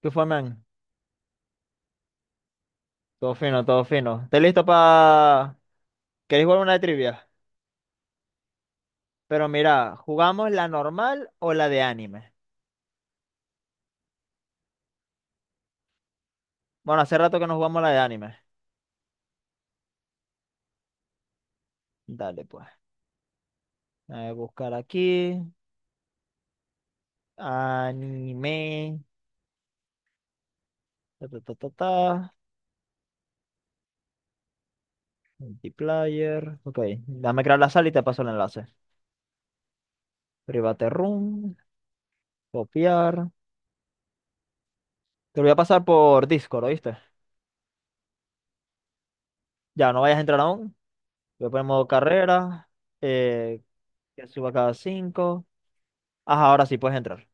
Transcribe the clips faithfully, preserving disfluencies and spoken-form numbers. ¿Qué fue, man? Todo fino, todo fino. ¿Estás listo para... ¿Queréis jugar una de trivia? Pero mira, ¿jugamos la normal o la de anime? Bueno, hace rato que no jugamos la de anime. Dale, pues. Voy a buscar aquí. Anime. Ta, ta, ta, ta, ta. Multiplayer. Ok. Dame crear la sala y te paso el enlace. Private room. Copiar. Te lo voy a pasar por Discord, ¿oíste? Ya, no vayas a entrar aún. Voy a poner modo carrera. Eh, que suba cada cinco. Ajá, ahora sí puedes entrar.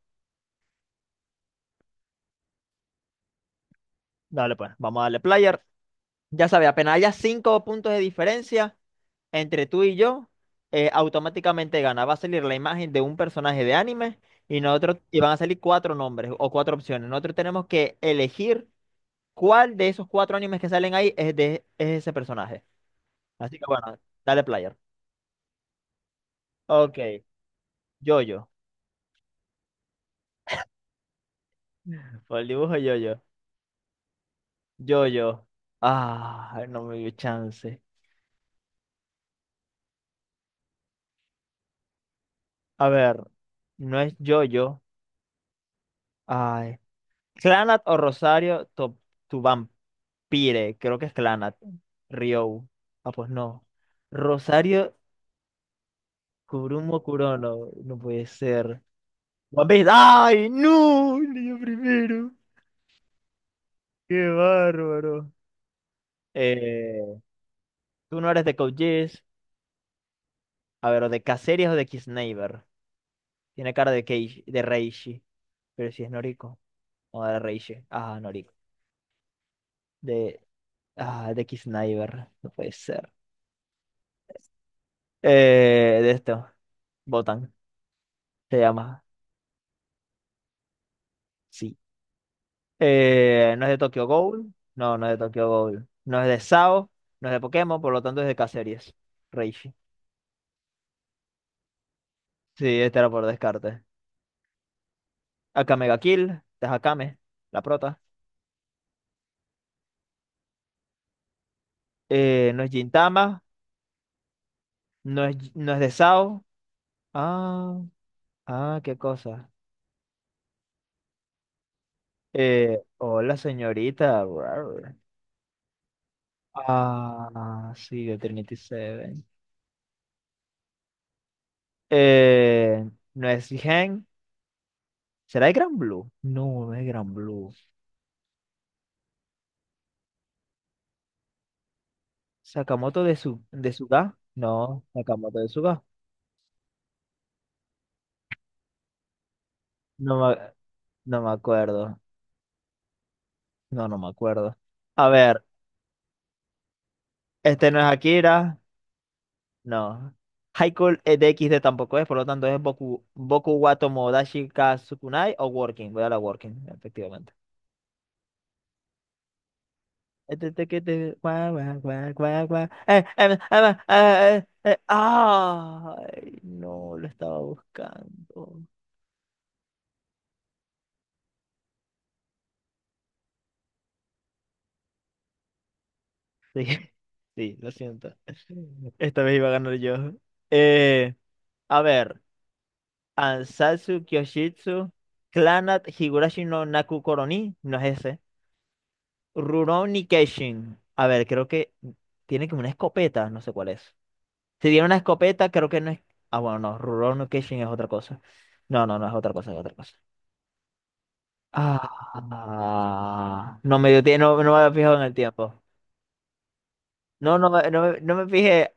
Dale, pues, vamos a darle player. Ya sabes, apenas haya cinco puntos de diferencia entre tú y yo, eh, automáticamente gana. Va a salir la imagen de un personaje de anime y nosotros, y van a salir cuatro nombres o cuatro opciones. Nosotros tenemos que elegir cuál de esos cuatro animes que salen ahí es de es ese personaje. Así que bueno, dale player. Ok, Yo-Yo. Por el dibujo Yo-Yo. Yo-Yo. Ah, no me dio chance. A ver, no es Yo-Yo. Ay. Clanat o Rosario to- Tuvampire, creo que es Clanat. Rio. Ah, pues no. Rosario Kurumo Kurono, no puede ser. One Piece. ¡Ay, no! Leí yo primero. ¡Qué bárbaro! Eh, Tú no eres de Code Geass. A ver, o de Caceres o de Kisneiver. Tiene cara de Keishi, de Reishi. Pero si es Noriko. O de Reishi. Ah, Noriko. De. Ah, de Kisneiver. No puede ser. Eh, de esto. Botan. Se llama. Sí. Eh, no es de Tokyo Ghoul. No, no es de Tokyo Ghoul. No es de S A O. No es de Pokémon, por lo tanto es de Caceres. Reishi. Sí, este era por descarte. Akame ga Kill, de Hakame, la prota. Eh, no es Gintama. No es, no es de S A O. Ah, ah, qué cosa. Eh, hola, señorita. Rar. Ah, sí, de Trinity Seven. Eh, no es Gen. ¿Será de Gran Blue? No, no es Gran Blue. Sakamoto de su de Suga. No, Sakamoto de Suga. No me, no me acuerdo. No, no me acuerdo. A ver, este no es Akira. No. Haiku D X D tampoco es, por lo tanto es Boku, Boku wa Tomodachi ka Sukunai o Working. Voy a la Working, efectivamente. Este, este, que te- gua, gua, gua, gua, gua. Eh, em, em, eh, eh, eh. Ay, no, lo estaba buscando. Sí, sí, lo siento. Esta vez iba a ganar yo. Eh, A ver, Ansatsu Kyoshitsu, Clanat Higurashi no Naku Koroni, no es ese. Rurouni Kenshin. A ver, creo que tiene como una escopeta, no sé cuál es. Si tiene una escopeta, creo que no es. Ah, bueno, no, Rurouni Kenshin es otra cosa. No, no, no es otra cosa, es otra cosa. Ah, no me dio tie- no, no me había fijado en el tiempo. No, no, me- no, me- no me fijé.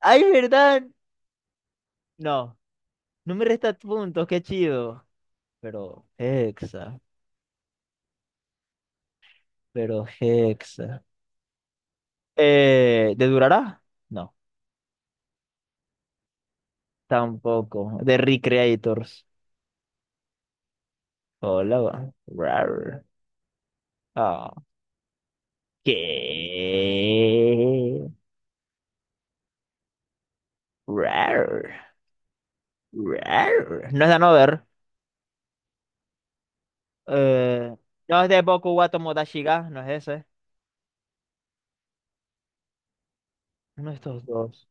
¡Ay, verdad! No, no me resta puntos, qué chido. Pero, Hexa, pero Hexa. Eh, ¿de Durará? No, tampoco. De Recreators. Hola, va. Rar. Ah, ¿qué? Rar. Rar. No es de Nover. Eh, no es de Boku wa Tomodachi ga, no es ese. Uno de estos dos.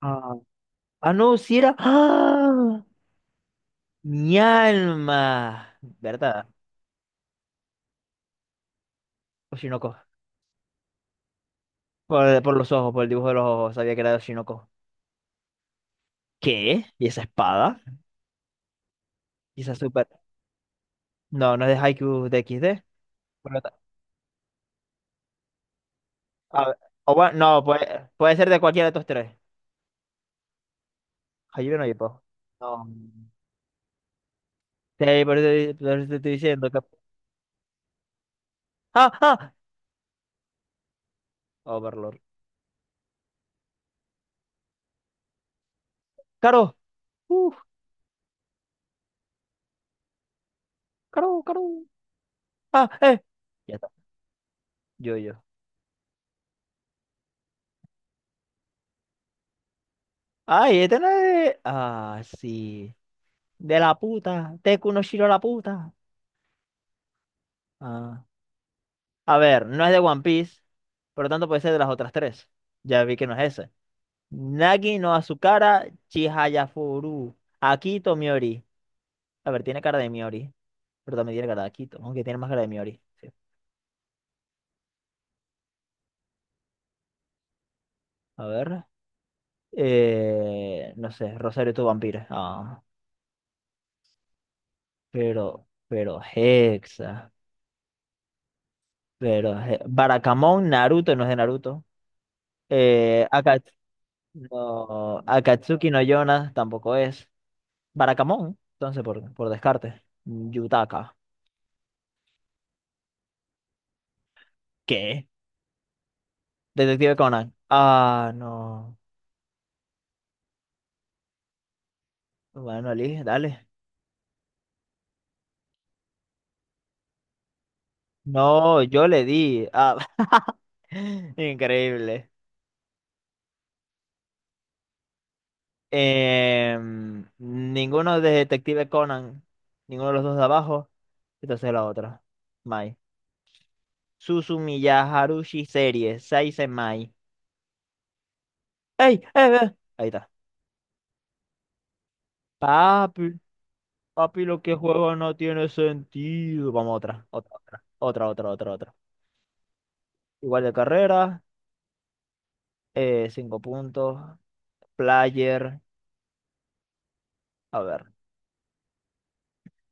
Ah, ah no, si era. ¡Ah! Mi alma. ¿Verdad? Oshinoko. Por, por los ojos, por el dibujo de los ojos, sabía que era de Oshinoko. ¿Qué? ¿Y esa espada? ¿Y esa no, no es de Haikyuu de X D. De lo ta- a ver, o bueno, no, puede, puede ser de cualquiera de estos tres. Haikyuu no Ippo. No. Sí, por eso, di- por eso te estoy diciendo que... ¡Ah, ah! Overlord. ¡Caro! ¡Uf! ¡Caro, caro! ¡Ah, eh! Ya está. Yo, yo. ¡Ay, este no es de... Ah, sí. De la puta. Deku no Shiro la puta. Ah. A ver, no es de One Piece. Por lo tanto, puede ser de las otras tres. Ya vi que no es ese. Nagi no Azukara, Chihaya Furu, Akito Miori. A ver, tiene cara de Miori, pero también tiene cara de Akito, aunque tiene más cara de Miori. Sí. A ver, eh, no sé, Rosario tu vampiro. Ah, pero, pero Hexa, pero He- Barakamon Naruto no es de Naruto. Eh, Aka- no, Akatsuki no Yona tampoco es. Barakamon, entonces por, por descarte. Yutaka, ¿qué? Detective Conan. Ah, no. Bueno, elige, dale. No, yo le di. Ah, increíble. Em, ninguno de Detective Conan, ninguno de los dos de abajo. Entonces la otra. Mai. Susumiya Haruhi Serie, Seisen Mai. ¡Ey! ¡Eh, eh! Ahí está. Papi, papi, lo que juego no tiene sentido. Vamos, otra, otra, otra, otra, otra, otra, otra. Igual de carrera, eh, cinco puntos, player. A ver,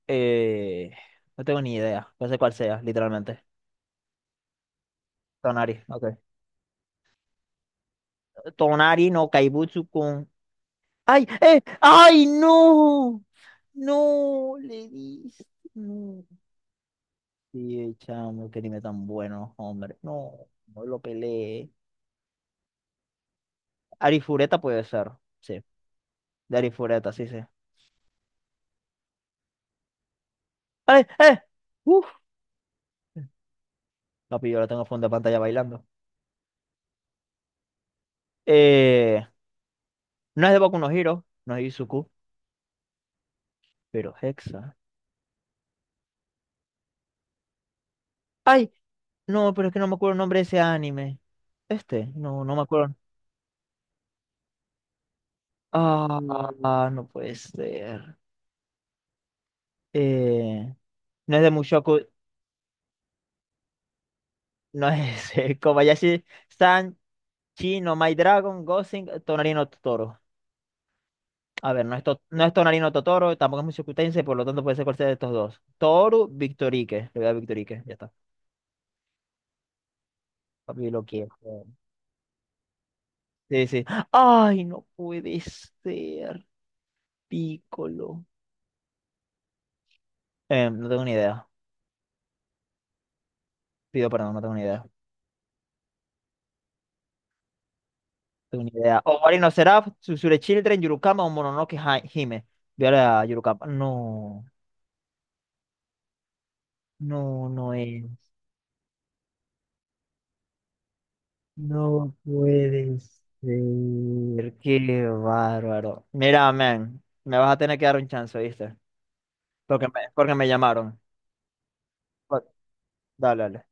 eh, no tengo ni idea. No sé cuál sea, literalmente. Tonari, ok. Tonari no Kaibutsu-kun. ¡Ay! ¡Eh! ¡Ay, no! ¡No! Le diste. No. Sí, chamo, qué anime tan bueno, hombre. No, no lo peleé. Arifureta puede ser. Sí, de Arifureta, sí, sí. ¡Ay! ¡Eh! ¡Uf! Papi, yo la tengo a fondo de pantalla bailando. Eh, no es de Boku no Hero, no es Izuku, pero Hexa. ¡Ay! No, pero es que no me acuerdo el nombre de ese anime. Este, no, no me acuerdo. Ah, no puede ser. Eh, no es de Mushoku. No es eh, Kobayashi San, Chi no My Dragon, Gosling Tonarino Totoro. A ver, no es, To- no es Tonarino Totoro, tampoco es Mushokutense, por lo tanto puede ser cualquiera de estos dos. Toru, Victorique. Le voy a dar Victorique, ya está. Papi lo quiero. Sí, sí. Ay, no puede ser. Piccolo. Em, no tengo ni idea. Pido perdón, no tengo ni idea. No tengo ni idea. Ocarina of Seraph, Tsuzure Children, Yurukama o Mononoke Hi- Hime. Voy a la Yurukama. No, no, no es. No puede ser. Qué bárbaro. Mira, man, me vas a tener que dar un chance, ¿viste? Porque me, porque me llamaron. Dale, dale.